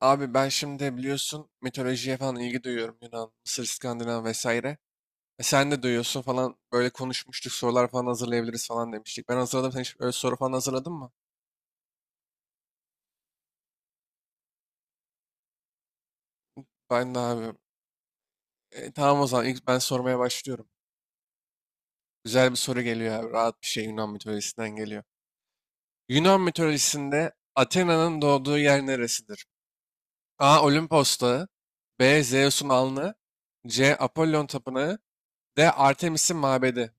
Abi ben şimdi biliyorsun mitolojiye falan ilgi duyuyorum. Yunan, Mısır, İskandinav vesaire. E sen de duyuyorsun falan böyle konuşmuştuk, sorular falan hazırlayabiliriz falan demiştik. Ben hazırladım. Sen hiç öyle soru falan hazırladın mı? Ben de abi. E, tamam o zaman ilk ben sormaya başlıyorum. Güzel bir soru geliyor abi. Rahat bir şey, Yunan mitolojisinden geliyor. Yunan mitolojisinde Athena'nın doğduğu yer neresidir? A. Olimpos Dağı. B. Zeus'un alnı. C. Apollon Tapınağı. D. Artemis'in mabedi.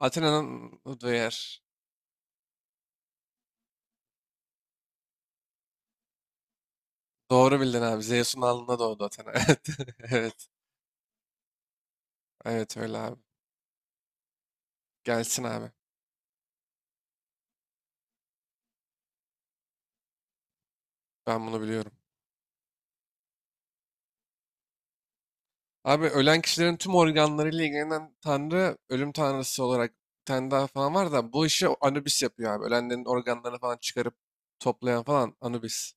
Athena'nın doğduğu yer. Doğru bildin abi. Zeus'un alnında doğdu Athena. Evet. Evet. Evet öyle abi. Gelsin abi. Ben bunu biliyorum. Abi ölen kişilerin tüm organlarıyla ilgilenen tanrı, ölüm tanrısı olarak bir tane daha falan var da, bu işi Anubis yapıyor abi. Ölenlerin organlarını falan çıkarıp toplayan falan Anubis.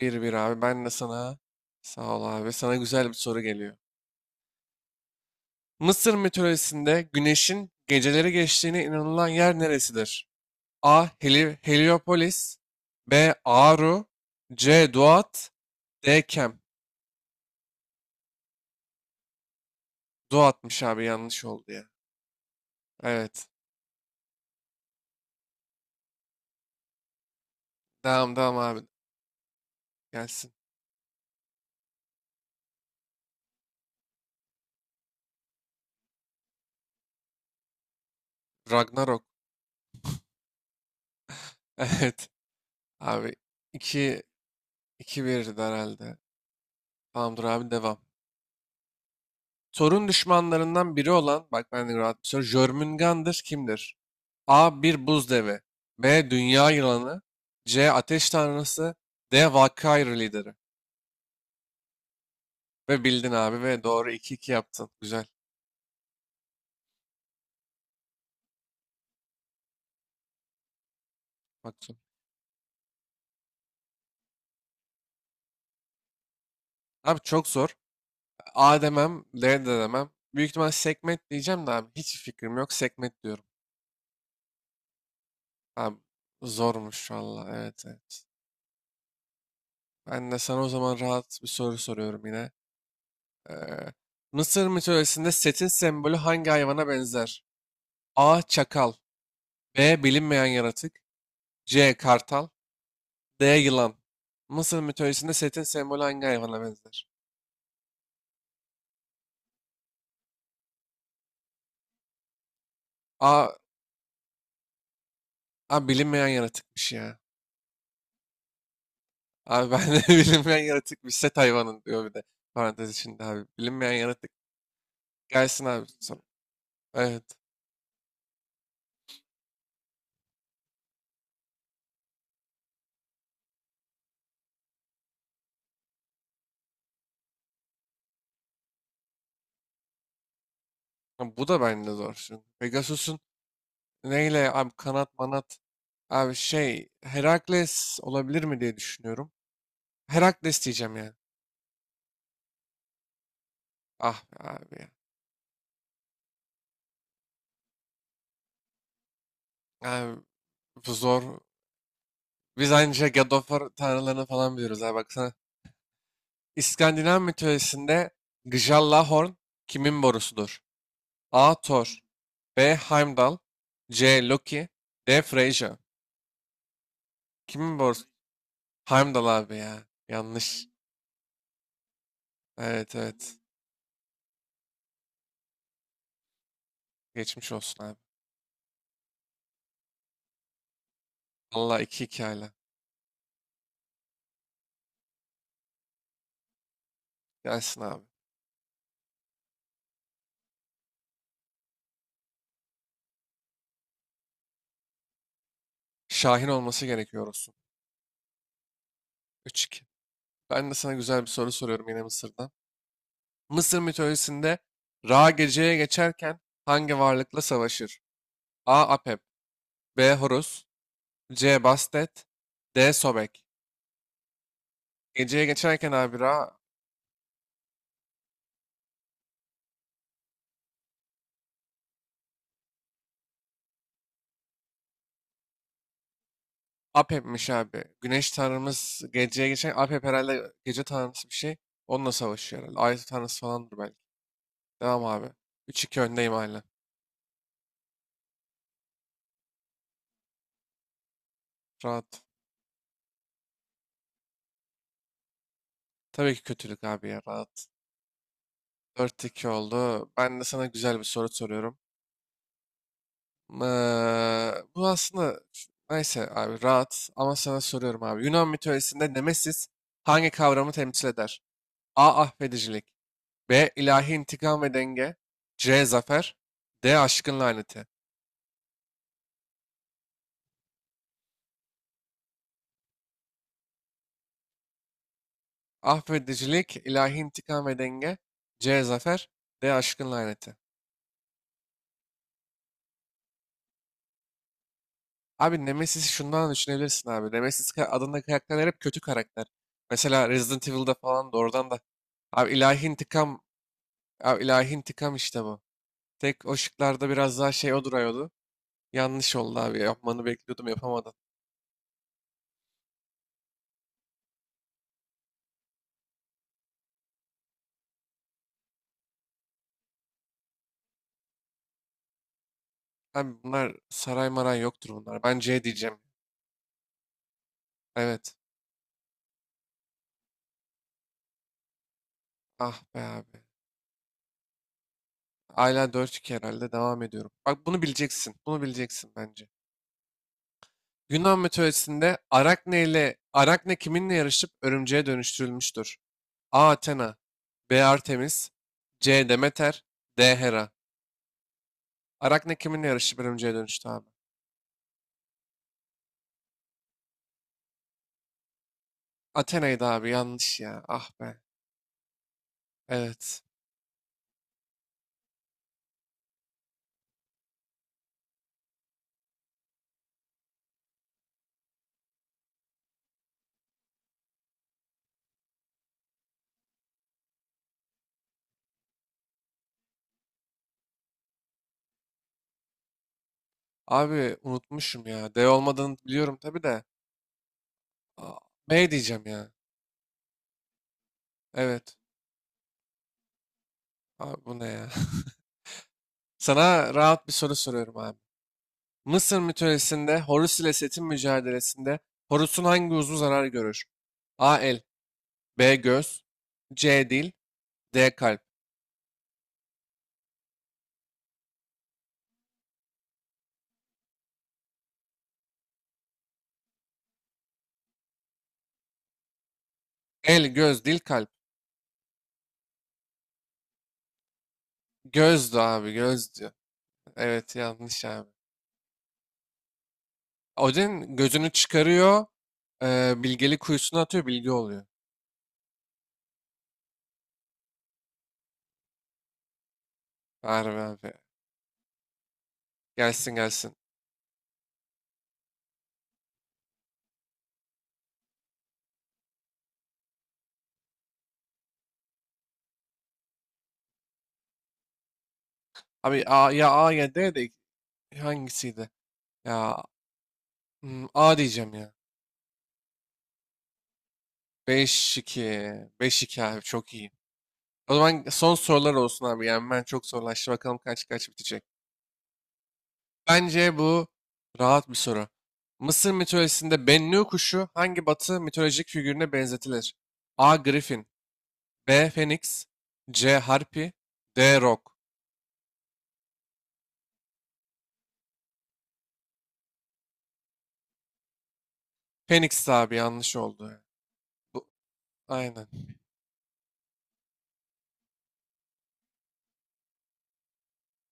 Bir bir abi. Ben de sana sağ ol abi. Sana güzel bir soru geliyor. Mısır mitolojisinde güneşin geceleri geçtiğine inanılan yer neresidir? A. Heliopolis. B. Aru. C. Duat. D. Kem. Duat'mış abi, yanlış oldu ya. Evet. Devam devam abi. Gelsin. Ragnarok. Evet abi. 2 2 1'di herhalde. Tamamdır abi, devam. Thor'un düşmanlarından biri olan, bak ben de rahat bir soru. Jörmungandr kimdir? A. Bir buz devi. B. Dünya yılanı. C. Ateş tanrısı. D. Valkyrie lideri. Ve bildin abi ve doğru 2-2 yaptın. Güzel. Bak abi, çok zor. A demem, L de demem. Büyük ihtimal segment diyeceğim de, abi hiç fikrim yok. Segment diyorum. Abi zormuş valla. Evet evet. Ben de sana o zaman rahat bir soru soruyorum yine. Ee, Mısır mitolojisinde Set'in sembolü hangi hayvana benzer? A. Çakal. B. Bilinmeyen yaratık. C. Kartal. D. Yılan. Mısır mitolojisinde Set'in sembolü hangi hayvana benzer? A. A bilinmeyen yaratıkmış ya. Abi ben de bilinmeyen yaratık, bir set hayvanın diyor, bir de parantez içinde abi. Bilinmeyen yaratık. Gelsin abi sana. Evet. Ha, bu da bende zor şimdi. Pegasus'un neyle abi, kanat manat, abi şey Herakles olabilir mi diye düşünüyorum. Herakles diyeceğim yani. Ah be abi ya. Abi bu zor. Biz anca God of War tanrılarını falan biliyoruz abi, baksana. İskandinav mitolojisinde Gjallahorn kimin borusudur? A. Thor. B. Heimdall. C. Loki. D. Frasier. Kimin borç? Heimdall abi ya. Yanlış. Evet evet. Geçmiş olsun abi. Allah, 2 hala. Gelsin abi. Şahin olması gerekiyor olsun. 3-2. Ben de sana güzel bir soru soruyorum yine Mısır'dan. Mısır mitolojisinde Ra geceye geçerken hangi varlıkla savaşır? A. Apep. B. Horus. C. Bastet. D. Sobek. Geceye geçerken abi Ra, Apep'miş abi. Güneş tanrımız geceye geçen Apep, herhalde gece tanrısı bir şey. Onunla savaşıyor herhalde. Ay tanrısı falandır belki. Devam abi. 3-2 öndeyim hala. Rahat. Tabii ki kötülük abi ya, rahat. 4-2 oldu. Ben de sana güzel bir soru soruyorum. Bu aslında, neyse abi, rahat ama sana soruyorum abi. Yunan mitolojisinde Nemesis hangi kavramı temsil eder? A. Affedicilik. B. ilahi intikam ve denge. C. Zafer. D. Aşkın laneti. Affedicilik, ilahi intikam ve denge. C. Zafer. D. Aşkın laneti. Abi Nemesis'i şundan düşünebilirsin abi. Nemesis adında karakterler hep kötü karakter. Mesela Resident Evil'da falan, da oradan da. Abi ilahi intikam, abi ilahi intikam, işte bu. Tek o şıklarda biraz daha şey o duruyordu. Yanlış oldu abi. Yapmanı bekliyordum, yapamadım. Abi bunlar saray maray yoktur bunlar. Ben C diyeceğim. Evet. Ah be abi. Hala 4-2 herhalde. Devam ediyorum. Bak, bunu bileceksin. Bunu bileceksin bence. Yunan mitolojisinde Arakne kiminle yarışıp örümceğe dönüştürülmüştür? A. Athena. B. Artemis. C. Demeter. D. Hera. Arakne kiminle yarışıp örümceğe dönüştü abi? Athena'ydı abi, yanlış ya. Ah be. Evet. Abi unutmuşum ya. D olmadığını biliyorum tabii de. A- B diyeceğim ya. Evet. Abi bu ne ya? Sana rahat bir soru soruyorum abi. Mısır mitolojisinde Horus ile Set'in mücadelesinde Horus'un hangi uzvu zarar görür? A. El, B. göz, C. dil, D. kalp. El, göz, dil, kalp. Gözdü abi, gözdü. Evet yanlış abi. Odin gözünü çıkarıyor, bilgeli kuyusuna atıyor, bilgi oluyor. Harbi abi. Gelsin gelsin. Abi A, ya A ya D de, hangisiydi? Ya A diyeceğim ya. 5-2. 5-2 abi çok iyi. O zaman son sorular olsun abi. Yani, ben çok zorlaştı. Bakalım kaç kaç bitecek. Bence bu rahat bir soru. Mısır mitolojisinde Bennu kuşu hangi batı mitolojik figürüne benzetilir? A. Griffin. B. Phoenix. C. Harpy. D. Rock. Phoenix abi, yanlış oldu. Bu, aynen.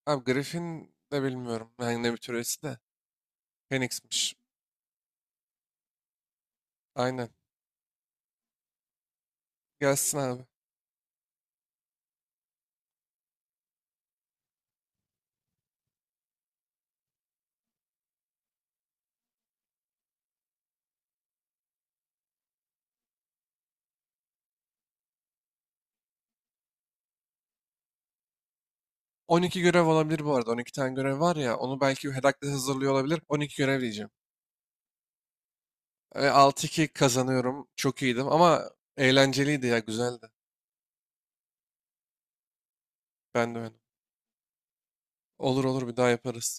Abi Griffin de bilmiyorum. Yani ne mitolojisi de. Phoenix'miş. Aynen. Gelsin abi. 12 görev olabilir bu arada. 12 tane görev var ya. Onu belki Herakles hazırlıyor olabilir. 12 görev diyeceğim. Ve 6-2 kazanıyorum. Çok iyiydim ama, eğlenceliydi ya. Güzeldi. Ben de öyle. Olur olur, bir daha yaparız.